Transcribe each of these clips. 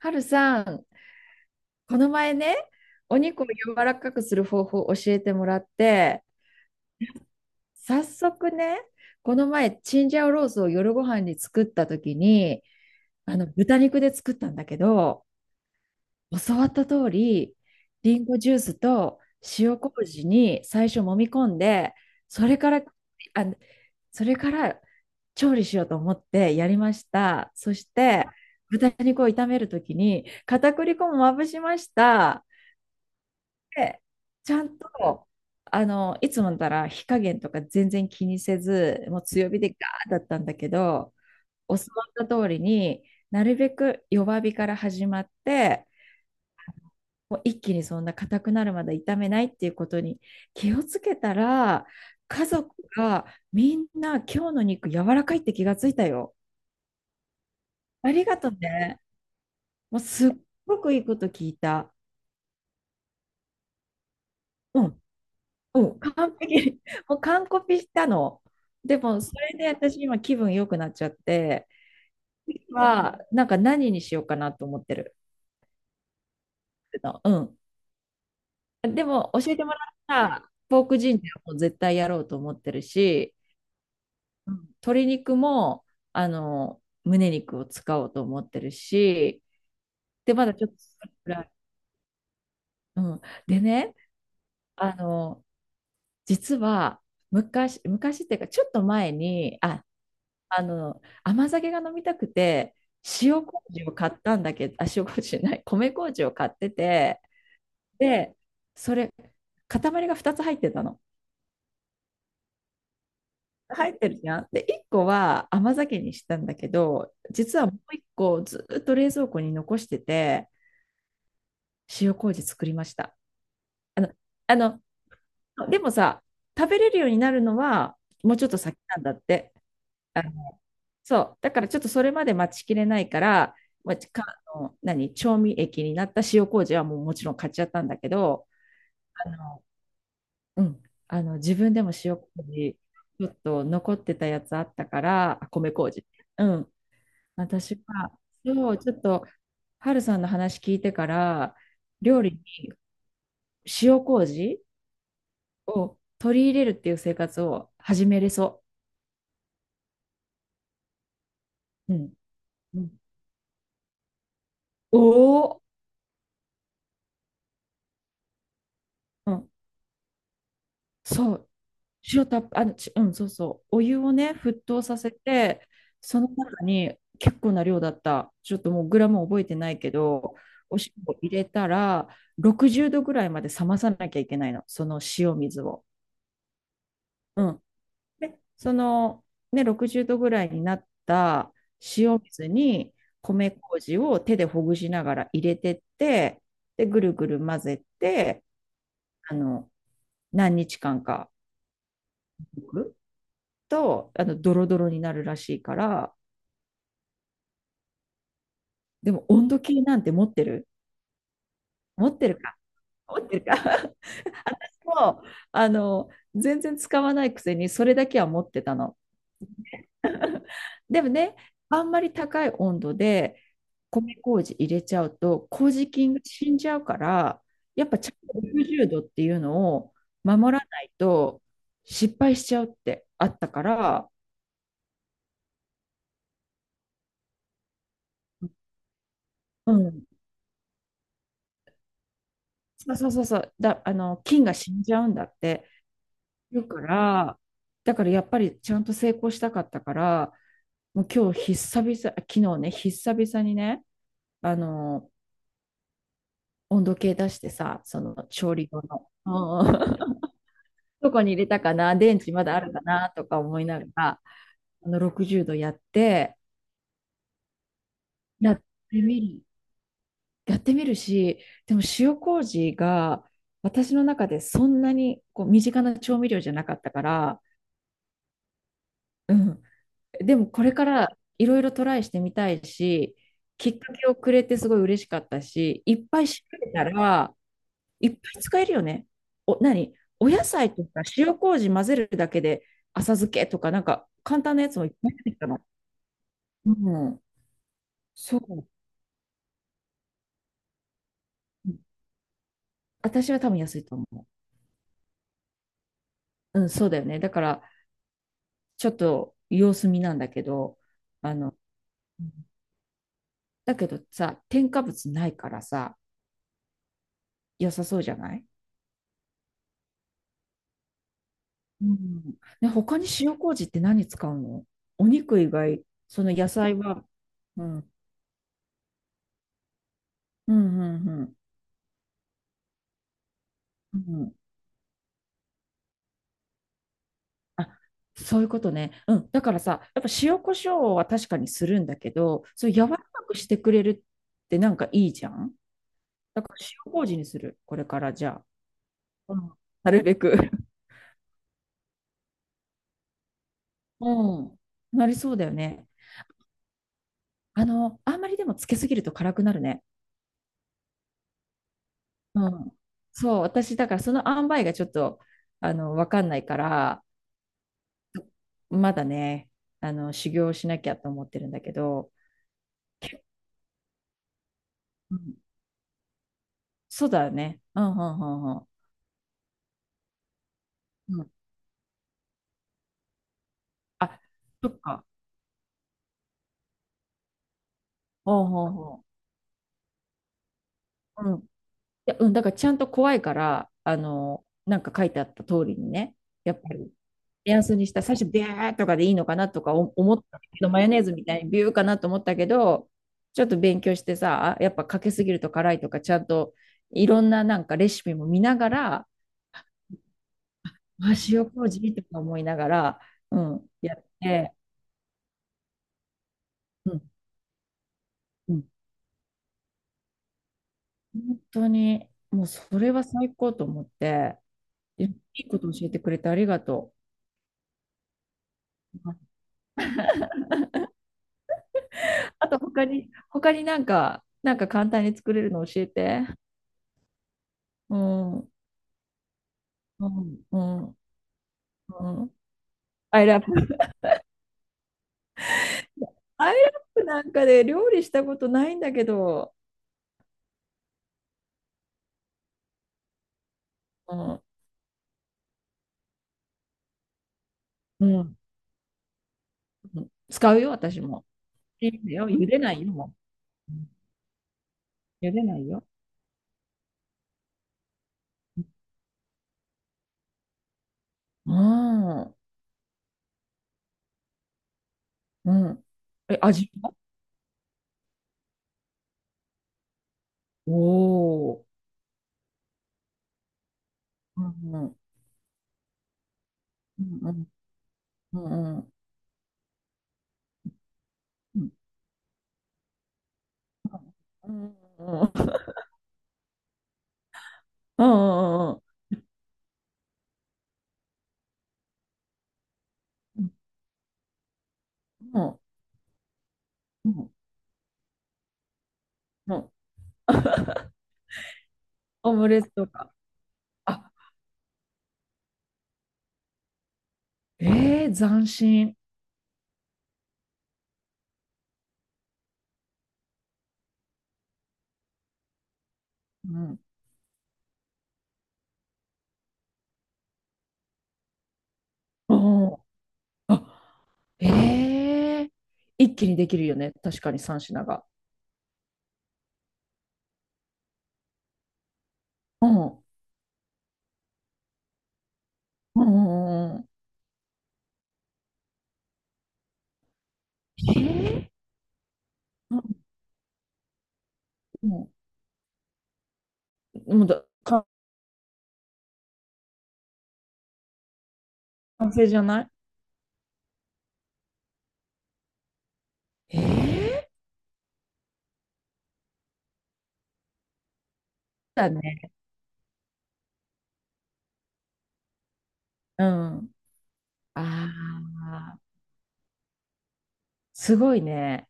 はるさん、この前ね、お肉を柔らかくする方法を教えてもらって、早速ね、この前、チンジャオロースを夜ご飯に作った時に、あの豚肉で作ったんだけど、教わった通り、リンゴジュースと塩麹に最初揉み込んで、それから、あ、それから調理しようと思ってやりました。そして、豚肉を炒める時に片栗粉もまぶしました。で、ちゃんと、いつもなら火加減とか全然気にせず、もう強火でガーだったんだけど、教わった通りになるべく弱火から始まって、もう一気にそんな硬くなるまで炒めないっていうことに気をつけたら、家族がみんな今日の肉柔らかいって気がついたよ。ありがとうね。もうすっごくいいこと聞いた。うんうん、完璧。もう完コピしたの。でも、それで私今気分良くなっちゃって、なんか何にしようかなと思ってる。うん。でも、教えてもらったポークジンジャーも絶対やろうと思ってるし、うん。鶏肉も、胸肉を使おうと思ってるし、で、まだちょっと辛い、うん。でね、あの、実は、昔、昔っていうか、ちょっと前に、甘酒が飲みたくて、塩麹を買ったんだけど、あ、塩麹じゃない、米麹を買ってて、で、それ、塊が2つ入ってたの。入ってるじゃん。で、1個は甘酒にしたんだけど、実はもう1個ずっと冷蔵庫に残してて、塩麹作りました。あの、あの、でもさ、食べれるようになるのは、もうちょっと先なんだって。そう。だからちょっとそれまで待ちきれないから、まあ、かあの何、調味液になった塩麹はもうもちろん買っちゃったんだけど、あの、うん、自分でも塩麹、ちょっと残ってたやつあったから、あ、米麹。うん。私は、そう、ちょっと、ハルさんの話聞いてから、料理に塩麹を取り入れるっていう生活を始めれそう。うん。うん、おお、うん、そう。塩たっあ、ちうん、そうそう。お湯をね、沸騰させて、その中に結構な量だった。ちょっともうグラム覚えてないけど、お塩を入れたら、60度ぐらいまで冷まさなきゃいけないの。その塩水を。うん。で、ね、60度ぐらいになった塩水に、米麹を手でほぐしながら入れてって、で、ぐるぐる混ぜて、あの、何日間かとドロドロになるらしいから、でも温度計なんて持ってる、持ってるか、持ってるか？ もう全然使わないくせにそれだけは持ってたの。 でもね、あんまり高い温度で米麹入れちゃうと麹菌が死んじゃうから、やっぱちゃんと60度っていうのを守らないと失敗しちゃうってあったから、うん、そうそうそうそうだ、菌が死んじゃうんだって。だから、だからやっぱりちゃんと成功したかったから、もう今日久々、昨日ね、久々にね、あの、温度計出してさ、その調理後の、うん、 どこに入れたかな、電池まだあるかなとか思いながら、60度やってみる、やってみるし、でも塩麹が私の中でそんなにこう身近な調味料じゃなかったから、うん、でもこれからいろいろトライしてみたいし、きっかけをくれてすごい嬉しかったし、いっぱい調べたら、いっぱい使えるよね。お野菜とか塩麹混ぜるだけで浅漬けとか、なんか簡単なやつもいっぱい出てきたの。うん、そう。私は多分安いと思う。うん、そうだよね。だから、ちょっと様子見なんだけど、あの、うん、だけどさ、添加物ないからさ、良さそうじゃない？うん。ね、他に塩麹って何使うの？お肉以外、その野菜は。うん。うん、うん、うん。うん。あ、そういうことね。うん。だからさ、やっぱ塩コショウは確かにするんだけど、そう柔らかくしてくれるってなんかいいじゃん。だから塩麹にする。これからじゃあ。うん。なるべく。うん。なりそうだよね。あんまりでもつけすぎると辛くなるね。うん。そう、私、だからその塩梅がちょっと、わかんないから、まだね、修行しなきゃと思ってるんだけど、うん、そうだよね。うん、うん、うん、うん。うん、あ、そっか。ほうほうほう。うん。いや、うん、だからちゃんと怖いから、なんか書いてあった通りにね、やっぱり、目安にした、最初、ビューとかでいいのかなとか思ったけど、マヨネーズみたいにビューかなと思ったけど、ちょっと勉強してさ、やっぱかけすぎると辛いとか、ちゃんといろんななんかレシピも見ながら、あ、塩麹とか思いながら、うん、やって、うん、うん、本当に、もうそれは最高と思って、でいいこと教えてくれてありがとう。あと、他になんか、簡単に作れるの教えて。うん、うん、うん、うん。アイラップ。アイラップなんかで料理したことないんだけど、うん、うん、うん、使うよ、私も。いいんだよ、茹でないよ、もう。うん、茹でないよ。うん。うん。え、味は？おおー。うん、うん、うん、うん、うん、うん、うん、うん、うん、うん、うん、オムレツとか。あ、えー、斬新。うん、うん、あ、えー、一気にできるよね。確かに三品が。うん、うん、うんうん、えー、うん、もうだ、完成じゃない？えー、だね。うん。ああ、すごいね。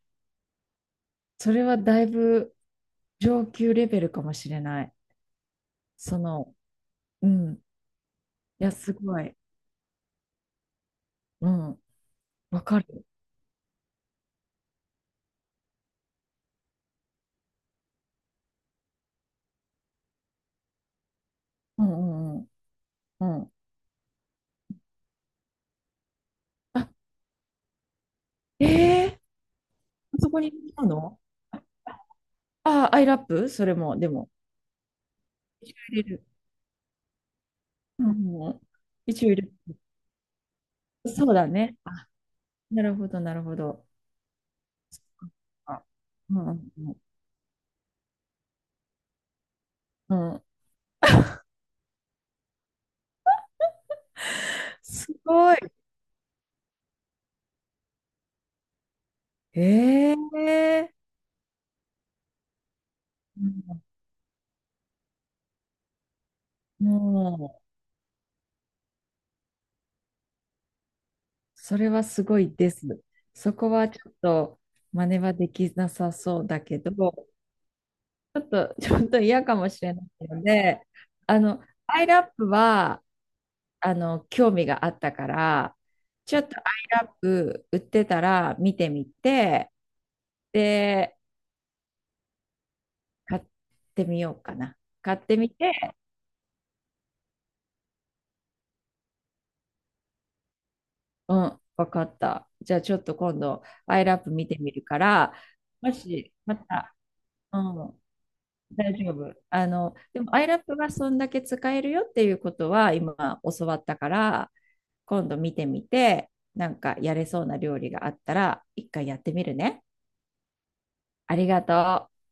それはだいぶ上級レベルかもしれない。その、うん。いや、すごい。うん。わかる。うんうんうん。うん。あ、ええー、あそこに来たの？あ、アイラップそれも、でも。入れる。うんうんうん。一応入れる。そうだね。あ、なるほど、なるほど。あ、うんうんうん。うん、すごい。ええー、うん。それはすごいです。そこはちょっと真似はできなさそうだけど、ちょっと、ちょっと嫌かもしれないので、アイラップは、興味があったから、ちょっとアイラップ売ってたら見てみて、で、買ってみようかな。買ってみて、うん、わかった。じゃあちょっと今度、アイラップ見てみるから、もし、また、うん。大丈夫。でも、アイラップがそんだけ使えるよっていうことは、今教わったから、今度見てみて、なんかやれそうな料理があったら、一回やってみるね。ありがとう。